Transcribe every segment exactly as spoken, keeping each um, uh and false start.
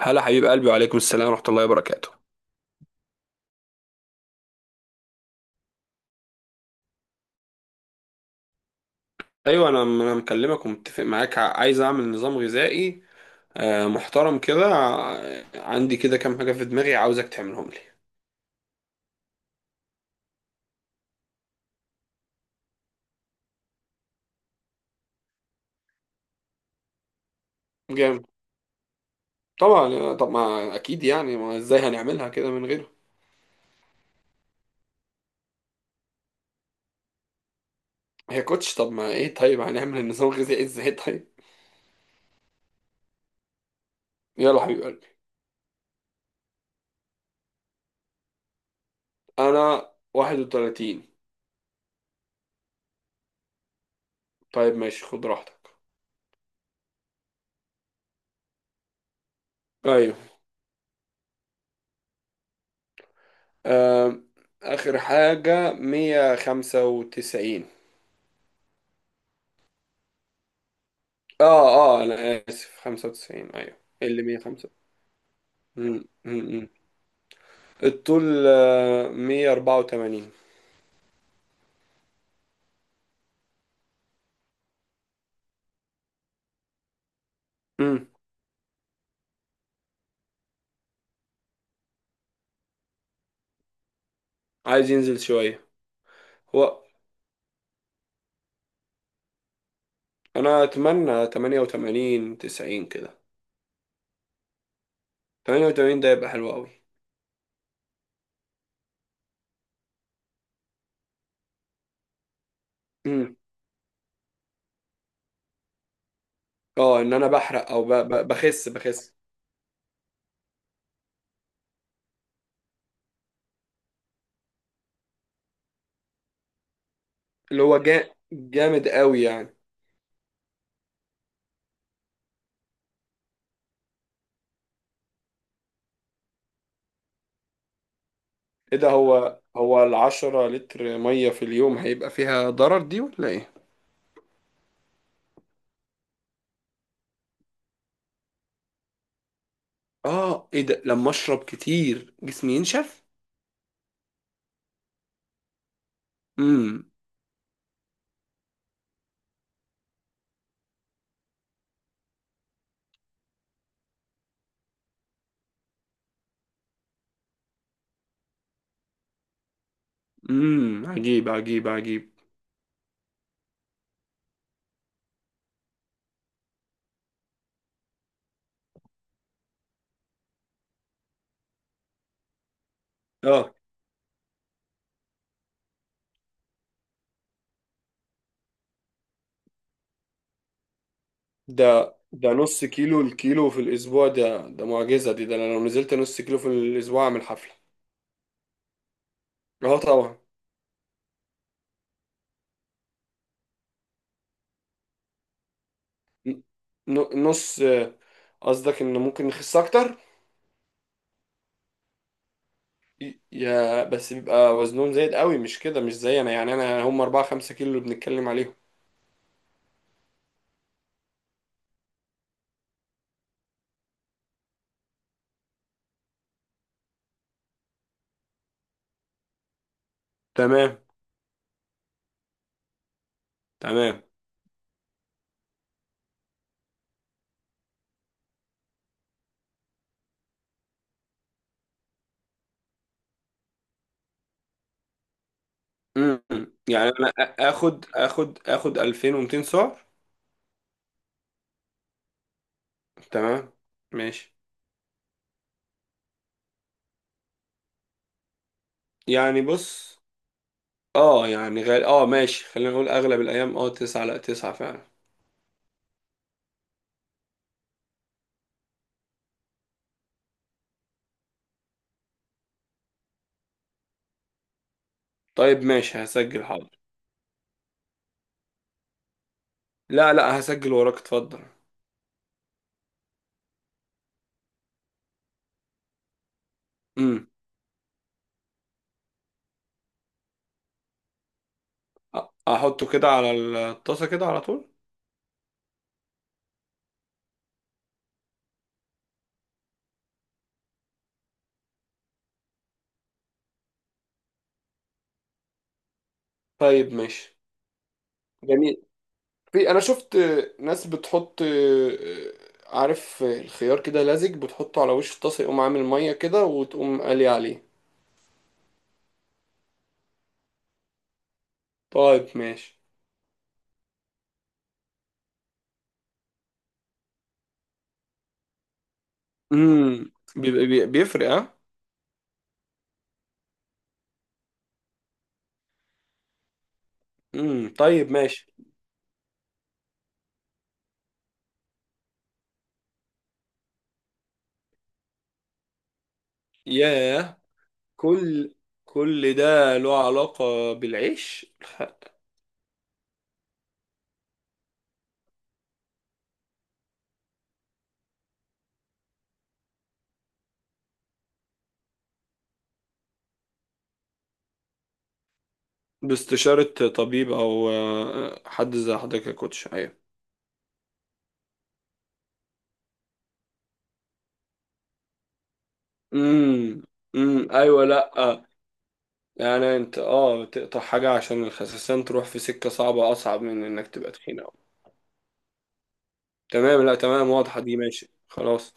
هلا حبيب قلبي، وعليكم السلام ورحمة الله وبركاته. ايوه، انا انا مكلمك ومتفق معاك. ع- عايز اعمل نظام غذائي آه، محترم كده. ع- عندي كده كام حاجة في دماغي عاوزك تعملهم لي. جامد. طبعا. آه، طب ما اكيد، يعني ما ازاي هنعملها كده من غيره؟ هي كوتش، طب ما ايه؟ طيب، هنعمل النظام الغذائي ازاي؟ طيب. يلا حبيب قلبي. انا واحد وثلاثين. طيب ماشي، خد راحتك. ايوه. آه، اخر حاجة مية وخمسة وتسعين. اه، اه، انا اسف، خمسة وتسعين ايوه. اللي مية وخمسة. امم، امم. الطول آه، مية واربعة وثمانين. امم. عايز ينزل شويه. هو انا اتمنى ثمانية وثمانين تسعين كده. تمانية وثمانين ده يبقى حلو قوي. امم. اه، ان انا بحرق، او ب... ب... بخس بخس. اللي هو جا... جامد قوي يعني. ايه ده، هو هو ال عشرة لتر ميه في اليوم هيبقى فيها ضرر دي ولا ايه؟ اه، ايه ده؟ لما اشرب كتير جسمي ينشف؟ امم امم عجيب، عجيب، عجيب. اه، ده ده نص كيلو، الكيلو في الاسبوع ده ده معجزه. دي ده انا لو نزلت نص كيلو في الاسبوع اعمل حفله. اه طبعا. ن- ن- نص، آه، قصدك ان ممكن نخس اكتر؟ ي- يا بس بيبقى وزنهم زايد قوي، مش كده. مش زي انا، يعني انا هم اربعة خمسة كيلو اللي بنتكلم عليهم. تمام، تمام. امم. يعني انا آ- اخد اخد اخد ألفين ومئتين سعر. تمام. ماشي. يعني بص، اه يعني غال، اه ماشي، خلينا نقول اغلب الايام اه تسعة، لا تسعة فعلا. طيب ماشي، هسجل. حاضر. لا، لا، هسجل وراك، اتفضل. امم. أ- احطه كده على الطاسة كده على طول. طيب ماشي. جميل. في انا شفت ناس بتحط، آه، عارف، الخيار كده لزج، بتحطه على وش الطاسه يقوم عامل ميه كده وتقوم قالي عليه. طيب ماشي. امم بيبقى- بي- بيفرق اه. امم. طيب ماشي. ياه. كل كل ده له علاقة بالعيش؟ باستشارة طبيب أو آه، حد زي حضرتك يا كوتش. أيوة. امم، امم، أيوة، لأ. يعني أنت أه تقطع حاجة عشان الخسسان تروح في سكة صعبة أصعب من إنك تبقى تخين أوي. تمام، لأ، تمام، واضحة دي، ماشي خلاص.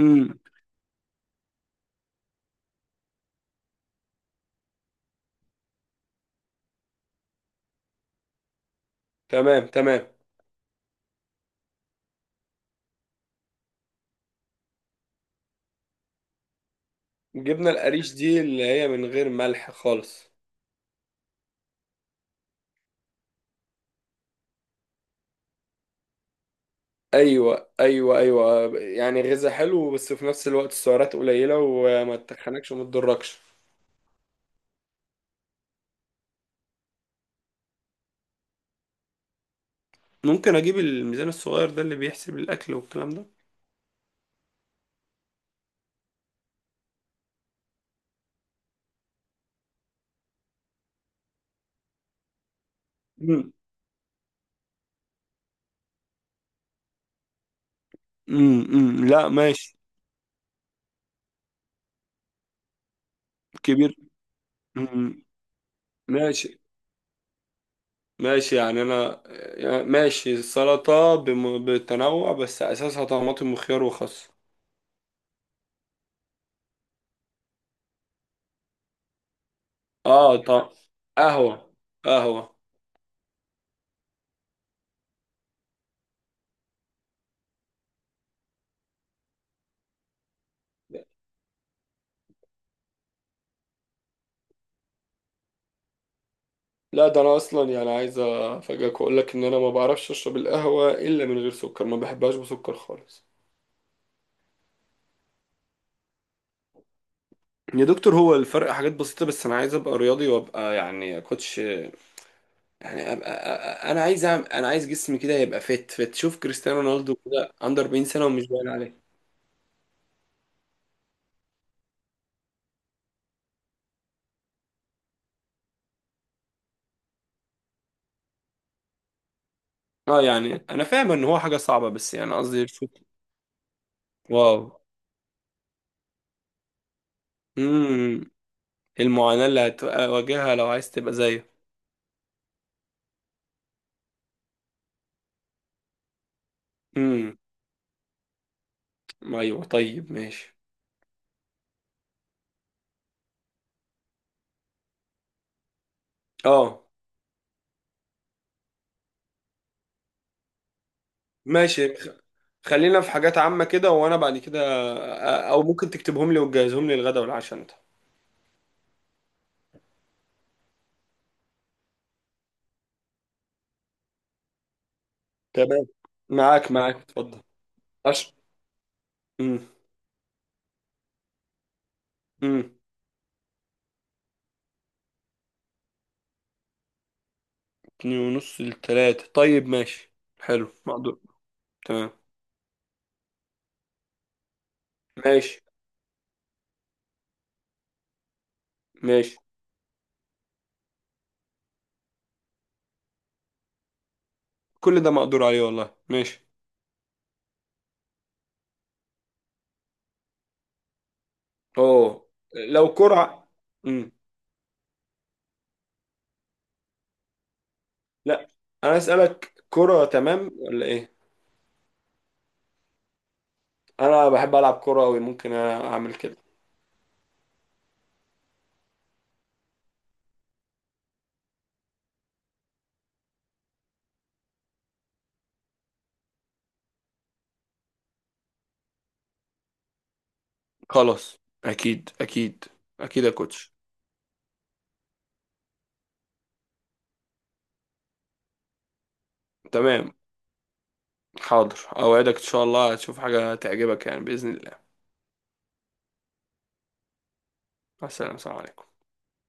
امم. تمام، تمام. جبنا القريش دي اللي هي من غير ملح خالص؟ ايوه، ايوه، ايوه، يعني غذاء حلو بس في نفس الوقت السعرات قليله، وما تخنكش وما تضركش. ممكن اجيب الميزان الصغير ده اللي بيحسب الاكل والكلام ده؟ امم، امم. لا ماشي. كبير. مم. ماشي. ماشي يعني انا يعني ماشي السلطه بم- بتنوع بس اساسها طماطم وخيار وخس. اه، طب قهوه، قهوه. لا، ده انا اصلا يعني عايز افاجئك واقول لك ان انا ما بعرفش اشرب القهوه الا من غير سكر، ما بحبهاش بسكر خالص. يا دكتور، هو الفرق حاجات بسيطة، بس أنا عايز أبقى رياضي، وأبقى يعني كوتش، يعني أبقى، أنا عايز أعمل أنا عايز جسمي كده يبقى فت فت، شوف كريستيانو رونالدو كده عنده اربعين سنة ومش باين عليه. أه، يعني أنا فاهم إن هو حاجة صعبة، بس يعني قصدي شوف. واو. امم. المعاناة اللي هتواجهها لو عايز تبقى زيه. امم، أيوه طيب ماشي. أه ماشي، خلينا في حاجات عامة كده، وانا بعد كده أ- او ممكن تكتبهم لي وتجهزهم لي الغدا والعشاء انت. تمام. معاك، معاك، اتفضل. عشر. امم، امم. اتنين ونص لتلاتة، طيب ماشي. حلو مقدور. تمام. ماشي. ماشي. كل ده مقدور عليه والله، ماشي. اوه، لو كرة. امم، لا. انا اسألك كرة تمام ولا ايه؟ انا بحب العب كرة أوي، ممكن اعمل كده. خلاص. اكيد، اكيد، اكيد يا كوتش. تمام. حاضر، أوعدك إن شاء الله هتشوف حاجة تعجبك يعني بإذن الله. السلام، السلام عليكم.